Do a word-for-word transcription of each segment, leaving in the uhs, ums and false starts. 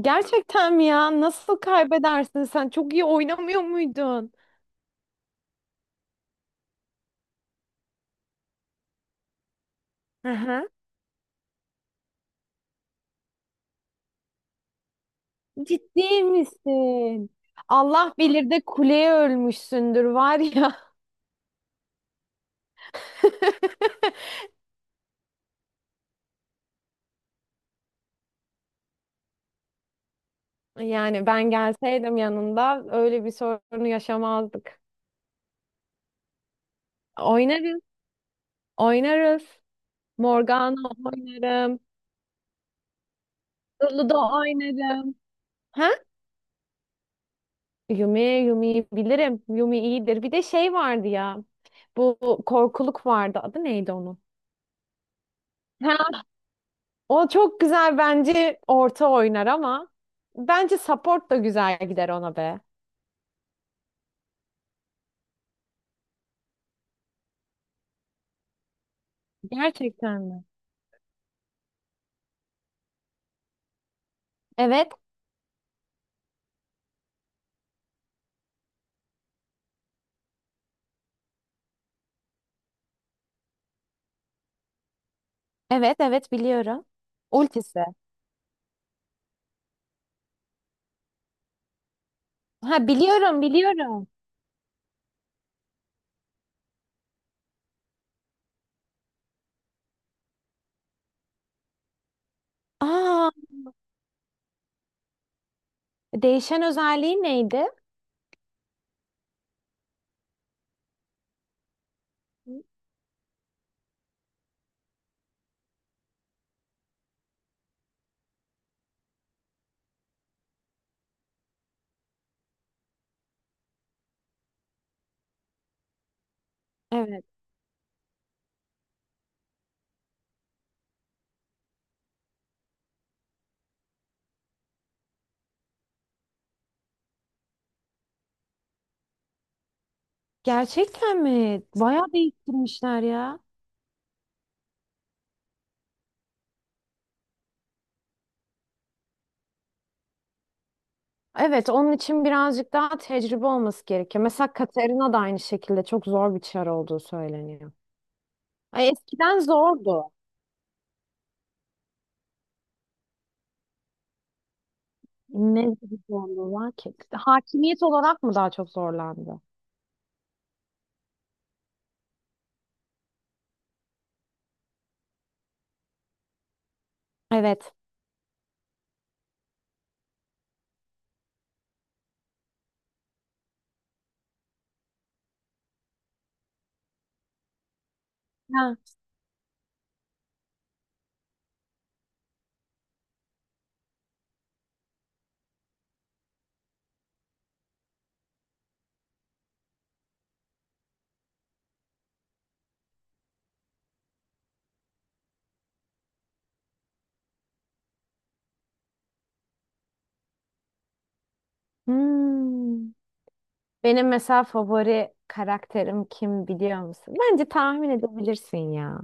Gerçekten mi ya? Nasıl kaybedersin sen? Çok iyi oynamıyor muydun? Hı hı. Ciddi misin? Allah bilir de kuleye ölmüşsündür var ya. Yani ben gelseydim yanında öyle bir sorunu yaşamazdık. Oynarız, oynarız. Morgana oynarım. Ludo oynarım. Ha? Yumi, Yumi'yi bilirim. Yumi iyidir. Bir de şey vardı ya. Bu korkuluk vardı. Adı neydi onun? Ha, o çok güzel bence orta oynar ama bence support da güzel gider ona be. Gerçekten mi? Evet, evet, evet biliyorum. Ultisi. Ha biliyorum, biliyorum. Aa, değişen özelliği neydi? Evet. Gerçekten mi? Bayağı değiştirmişler ya. Evet, onun için birazcık daha tecrübe olması gerekiyor. Mesela Katarina da aynı şekilde çok zor bir çar olduğu söyleniyor. Ay, eskiden zordu. Ne gibi zorluğu var ki? Hakimiyet olarak mı daha çok zorlandı? Evet. Ha. Hmm. Benim mesela favori karakterim kim biliyor musun? Bence tahmin edebilirsin ya.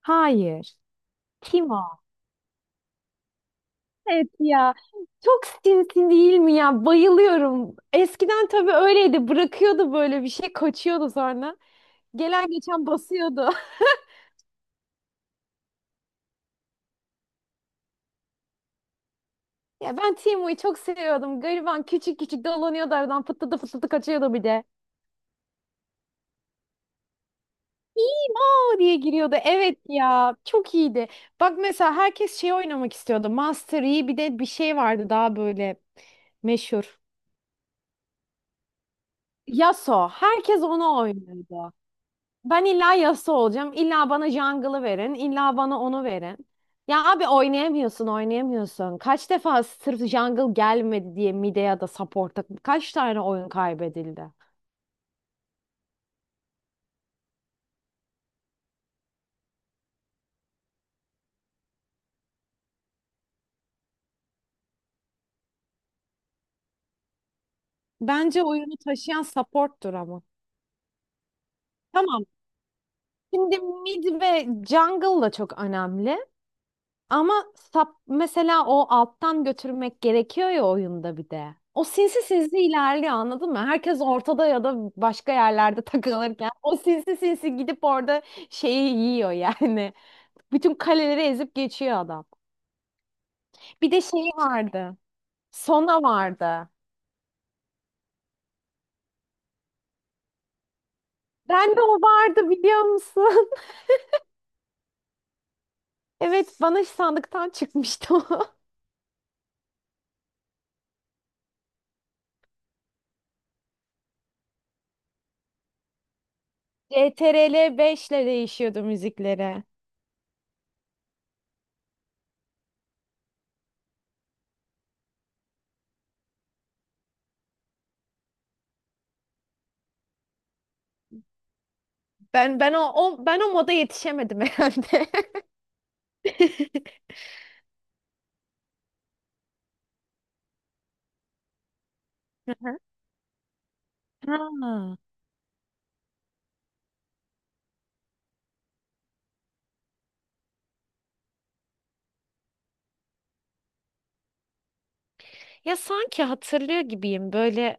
Hayır. Kim o? Evet ya. Çok sinsi değil mi ya? Bayılıyorum. Eskiden tabii öyleydi. Bırakıyordu böyle bir şey, kaçıyordu sonra. Gelen geçen basıyordu. Ya ben Timo'yu çok seviyordum. Gariban küçük küçük dolanıyordu aradan fıtladı fıtladı kaçıyordu bir de. Aa diye giriyordu. Evet ya çok iyiydi. Bak mesela herkes şey oynamak istiyordu. Master Yi bir de bir şey vardı daha böyle meşhur. Yasuo. Herkes onu oynuyordu. Ben illa Yasuo olacağım. İlla bana jungle'ı verin. İlla bana onu verin. Ya abi oynayamıyorsun, oynayamıyorsun. Kaç defa sırf jungle gelmedi diye mid'e ya da support'a kaç tane oyun kaybedildi? Bence oyunu taşıyan support'tur ama. Tamam. Şimdi mid ve jungle da çok önemli. Ama sap mesela o alttan götürmek gerekiyor ya oyunda bir de. O sinsi sinsi ilerliyor anladın mı? Herkes ortada ya da başka yerlerde takılırken o sinsi sinsi gidip orada şeyi yiyor yani. Bütün kaleleri ezip geçiyor adam. Bir de şey vardı. Sona vardı. Ben de o vardı biliyor musun? Evet bana sandıktan çıkmıştı o. kontrol beş ile değişiyordu müzikleri. Ben ben o, o ben o moda yetişemedim herhalde. Hı hı. Ha. Ya sanki hatırlıyor gibiyim böyle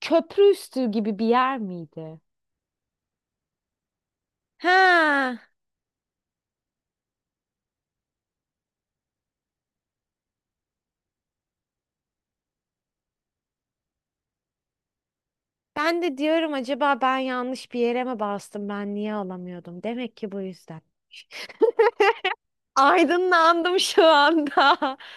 köprü üstü gibi bir yer miydi? Ha, ben de diyorum acaba ben yanlış bir yere mi bastım ben niye alamıyordum? Demek ki bu yüzden. Aydınlandım şu anda.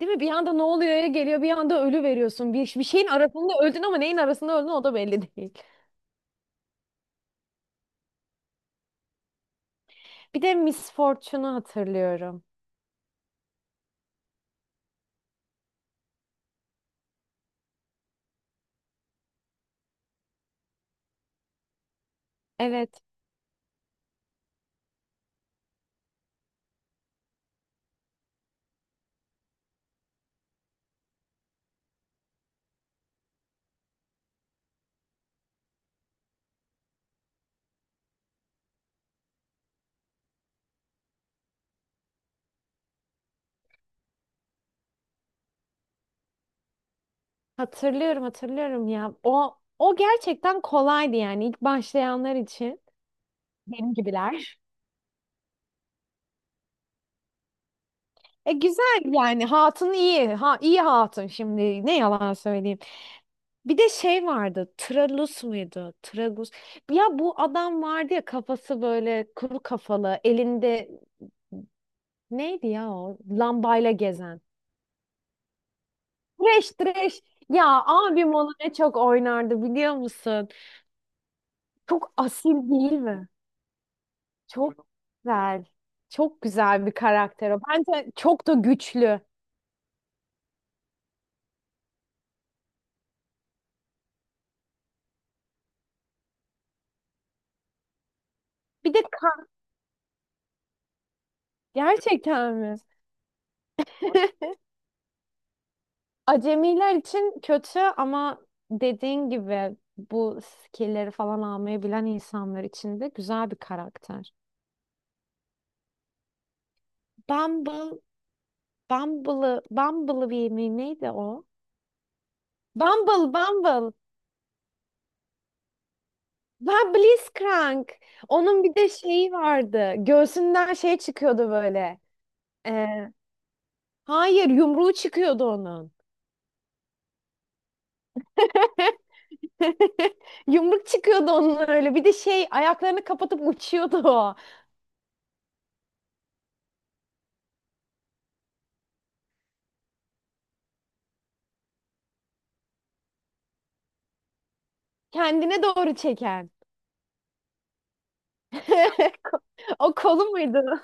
Değil mi? Bir anda ne oluyor ya geliyor bir anda ölü veriyorsun. Bir, bir şeyin arasında öldün ama neyin arasında öldün o da belli değil. Bir de Miss Fortune'u hatırlıyorum. Evet. Hatırlıyorum hatırlıyorum ya. O o gerçekten kolaydı yani ilk başlayanlar için. Benim gibiler. E güzel yani hatun iyi. Ha iyi hatun şimdi ne yalan söyleyeyim. Bir de şey vardı. Tralus muydu? Tragus. Ya bu adam vardı ya kafası böyle kuru kafalı, elinde neydi ya o? Lambayla gezen. Treş treş. Ya abim onu ne çok oynardı biliyor musun? Çok asil değil mi? Çok güzel. Çok güzel bir karakter o. Bence çok da güçlü. Bir de kan. Gerçekten mi? Acemiler için kötü ama dediğin gibi bu skill'leri falan almayı bilen insanlar için de güzel bir karakter. Bumble, Bumble'ı, Bumblebee mi neydi o? Bumble, Bumble. Ben Blitzcrank. Onun bir de şeyi vardı. Göğsünden şey çıkıyordu böyle. Ee, hayır, yumruğu çıkıyordu onun. Yumruk çıkıyordu onun öyle. Bir de şey ayaklarını kapatıp uçuyordu o. Kendine doğru çeken. O kolu muydu?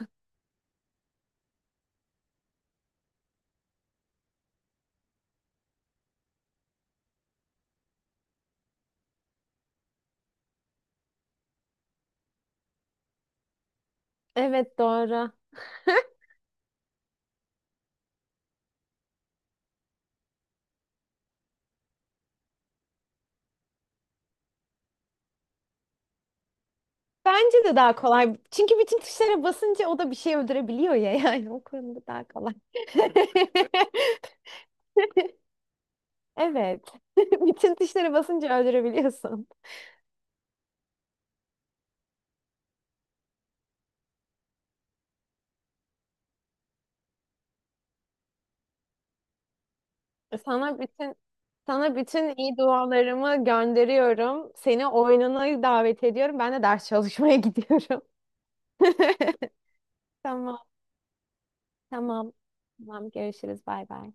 Evet doğru. Bence de daha kolay. Çünkü bütün tuşlara basınca o da bir şey öldürebiliyor ya. Yani o konuda daha kolay. Evet. Bütün tuşlara basınca öldürebiliyorsun. E, Sana bütün sana bütün iyi dualarımı gönderiyorum. Seni oyununa davet ediyorum. Ben de ders çalışmaya gidiyorum. Tamam, tamam. Tamam, görüşürüz. Bay bay.